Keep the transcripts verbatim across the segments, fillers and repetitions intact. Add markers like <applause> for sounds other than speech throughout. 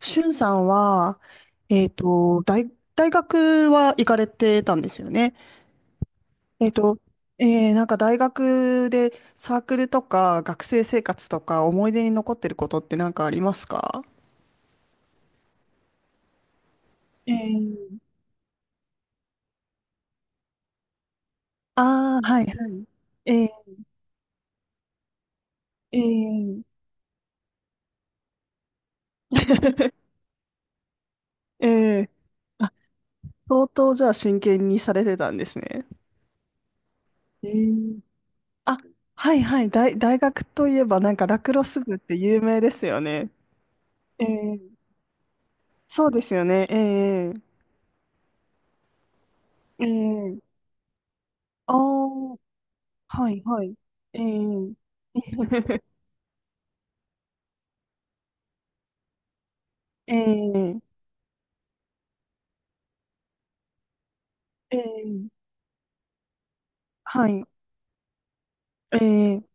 しゅんさんは、えっと、大、大学は行かれてたんですよね。えっと、えー、なんか大学でサークルとか学生生活とか思い出に残ってることって何かありますか？えー、ああ、はい、はい。えー、えー、<laughs> えー、あ、相当じゃあ真剣にされてたんですね。えー、あ、はいはい、大、大学といえばなんかラクロス部って有名ですよね。えー、そうですよね。えええああ、はいはい。ええ <laughs> ええええはい。ええ、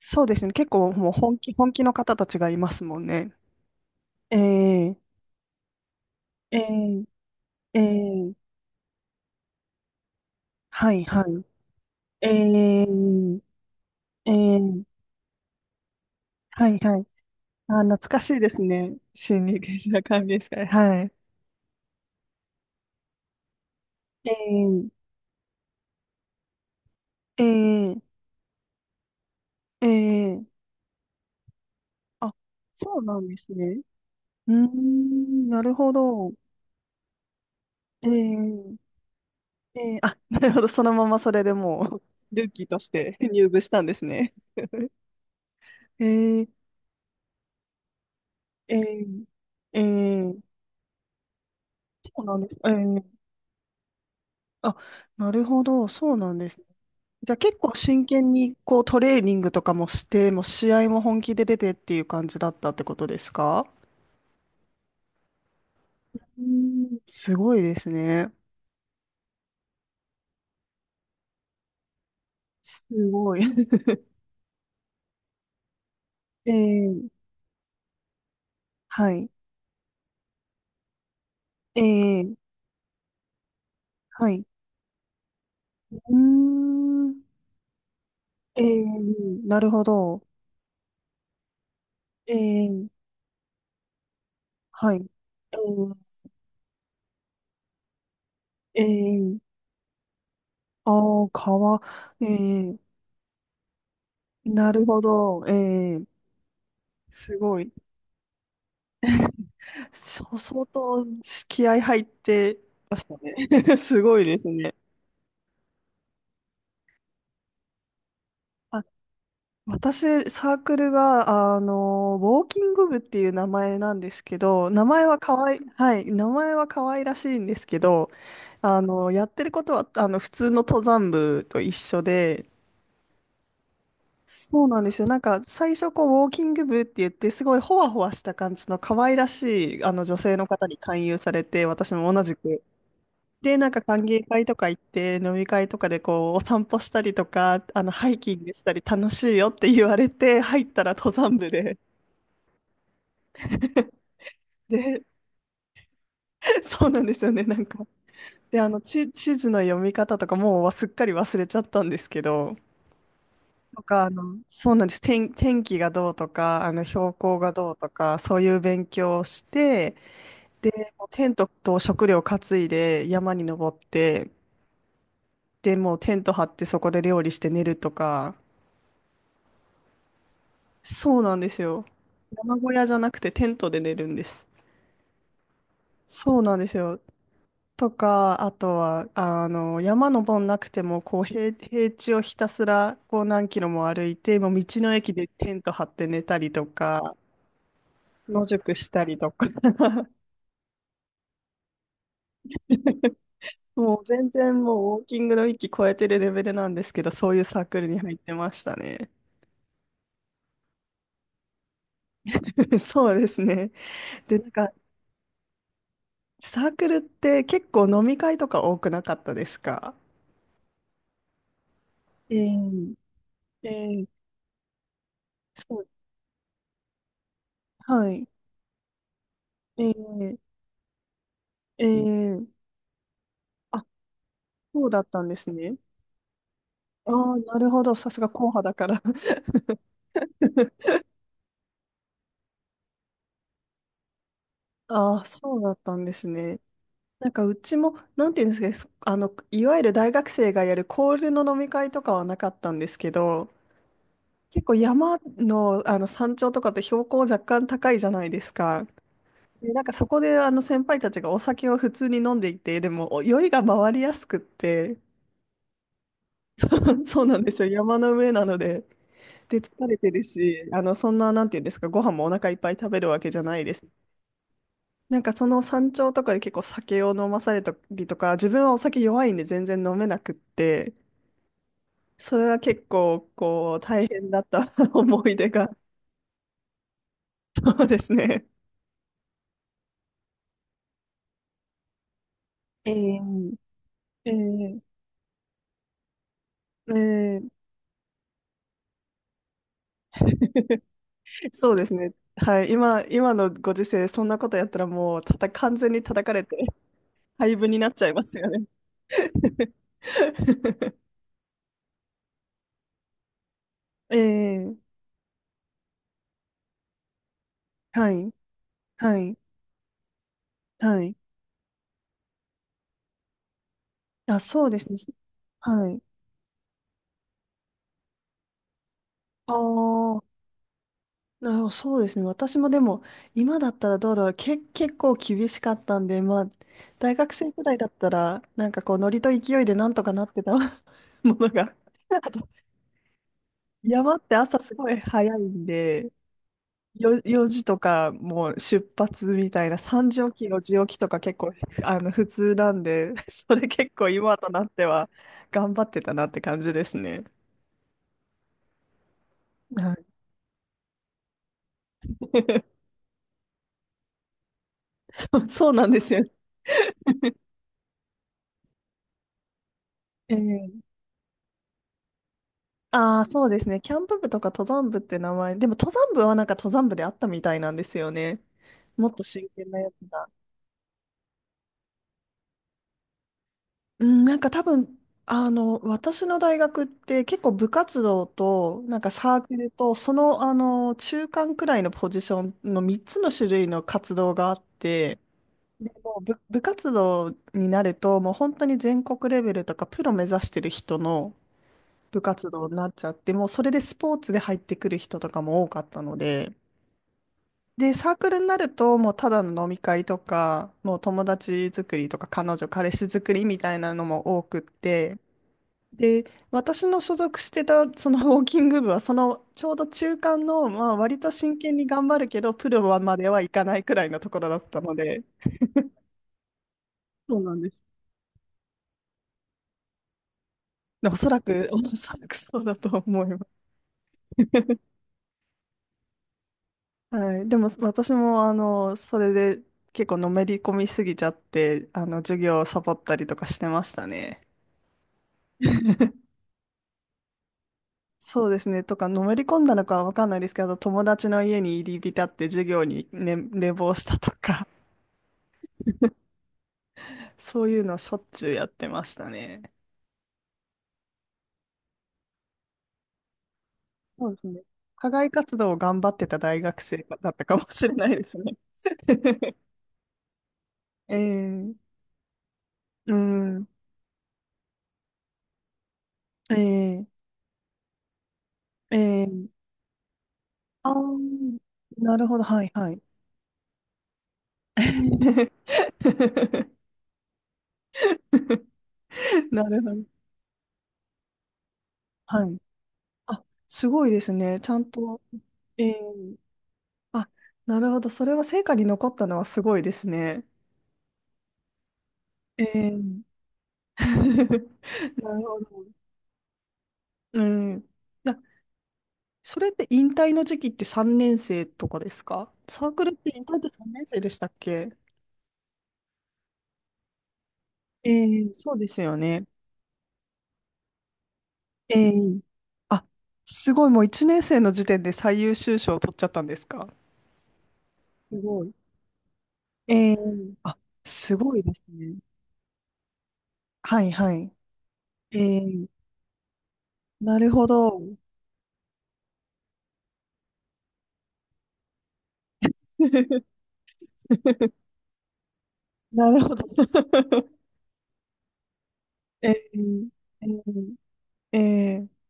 そうですね。結構もう本気、本気の方たちがいますもんね。ええええええはいはい。ええええはいはい。あー、懐かしいですね。心理学者歓迎会。はい。ええええええあ、そうなんですね。うーん、なるほど。えええー、あ、<laughs> なるほど。そのままそれでもう、ルーキーとして <laughs> 入部したんですね。えー、えー、えー、そうなんです。えー、あ、なるほど。そうなんですね。じゃあ結構真剣にこうトレーニングとかもして、もう試合も本気で出てっていう感じだったってことですか？うーん、すごいですね。すごい。<laughs> えー、はい。えー、はい。うーん、えー、なるほど。えー、はい。えーええああ、川、ええ、なるほど、ええ、すごい。そう、相当気合入ってましたね。<laughs> すごいですね。あ、私、サークルが、あの、ウォーキング部っていう名前なんですけど、名前は可愛い、はい、名前は可愛らしいんですけど、あの、やってることは、あの、普通の登山部と一緒で、そうなんですよ。なんか最初こうウォーキング部って言ってすごいほわほわした感じの可愛らしいあの女性の方に勧誘されて私も同じく。で、なんか歓迎会とか行って飲み会とかでこうお散歩したりとかあのハイキングしたり楽しいよって言われて入ったら登山部で。で、<laughs> そうなんですよね。なんか。で、あの地、地図の読み方とかもうすっかり忘れちゃったんですけど。とか、あの、そうなんです。天、天気がどうとか、あの、標高がどうとか、そういう勉強をして、テントと食料担いで山に登って、で、もうテント張ってそこで料理して寝るとか、そうなんですよ。山小屋じゃなくてテントで寝るんです。そうなんですよ。とか、あとは、あの、山登んなくても、こう、平、平地をひたすら、こう、何キロも歩いて、もう道の駅でテント張って寝たりとか、野宿したりとか、<laughs> もう全然もうウォーキングの域超えてるレベルなんですけど、そういうサークルに入ってましたね。<laughs> そうですね。で、なんか、サークルって結構飲み会とか多くなかったですか？ええええ、そう、はい。ええ、ええ、あ、そうだったんですね。ああ、なるほど。さすが硬派だから。<laughs> ああ、そうだったんですね。なんかうちも、なんていうんですかね、そあの、いわゆる大学生がやるコールの飲み会とかはなかったんですけど、結構山の、あの山頂とかって標高若干高いじゃないですか。なんかそこであの先輩たちがお酒を普通に飲んでいて、でもお酔いが回りやすくって、<laughs> そうなんですよ、山の上なので、で、疲れてるし、あのそんな、なんていうんですか、ご飯もお腹いっぱい食べるわけじゃないです。なんかその山頂とかで結構酒を飲まされたりとか、自分はお酒弱いんで全然飲めなくって、それは結構こう大変だった <laughs> 思い出が、そうですね。ええええええそうですね。はい。今、今のご時世、そんなことやったらもう、たた、完全に叩かれて、廃部になっちゃいますよね。<laughs> ええ、はい、はい、はい。あ、そうですね。はい。ああ、なるほど、そうですね。私もでも、今だったらどうだろう。け、結構厳しかったんで、まあ、大学生くらいだったら、なんかこう、ノリと勢いでなんとかなってた <laughs> ものが、<laughs> あと、山って朝すごい早いんで、よ、よじとかもう出発みたいな、さんじ起き、よじ起きとか結構あの普通なんで、<laughs> それ結構今となっては頑張ってたなって感じですね。はい、 <laughs> そう、そうなんですよ。ええ、ああ、そうですね。キャンプ部とか登山部って名前、でも登山部はなんか登山部であったみたいなんですよね。もっと真剣なやつだ。うん、なんか多分、あの、私の大学って結構部活動と、なんかサークルと、その、あの、中間くらいのポジションのみっつの種類の活動があって、でもう部、部活動になると、もう本当に全国レベルとかプロ目指してる人の部活動になっちゃって、もうそれでスポーツで入ってくる人とかも多かったので、で、サークルになると、もうただの飲み会とか、もう友達作りとか、彼女、彼氏作りみたいなのも多くって、で、私の所属してたそのウォーキング部は、そのちょうど中間の、まあ、割と真剣に頑張るけど、プロまではいかないくらいのところだったので、そうなんです。でおそらく、おそらくそうだと思います。<laughs> はい、でも私もあのそれで結構のめり込みすぎちゃってあの授業をサボったりとかしてましたね。そうですね。とかのめり込んだのかは分かんないですけど友達の家に入り浸って授業に、ね、寝坊したとかそういうのしょっちゅうやってましたね。そうですね。課外活動を頑張ってた大学生だったかもしれないですね。<laughs> えー、うん、えー、えー、あー、なるほど、はい、はい。<laughs> なるほど、はい。あ、すごいですね。ちゃんと、えー、あ、なるほど、それは成果に残ったのはすごいですね。えー、<laughs> なるほど。うん。いや、それって引退の時期ってさんねん生とかですか？サークルって引退ってさんねん生でしたっけ？ええ、そうですよね。ええ、あ、すごい、もういちねん生の時点で最優秀賞を取っちゃったんですか？すごい。ええ、あ、すごいですね。はいはい。ええ、なるほど。<laughs> なるほど。<laughs> ええええええ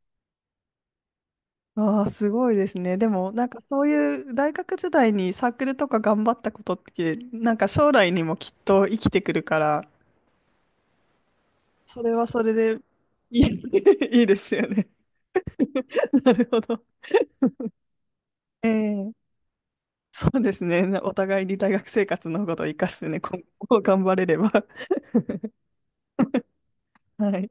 ああ、すごいですね。でも、なんかそういう大学時代にサークルとか頑張ったことって、なんか将来にもきっと生きてくるから、それはそれでいい、<laughs> いいですよね。<laughs> なるほど。ええ <laughs> そうですね。お互いに大学生活のことを生かしてね、今後頑張れれば。<laughs> はい。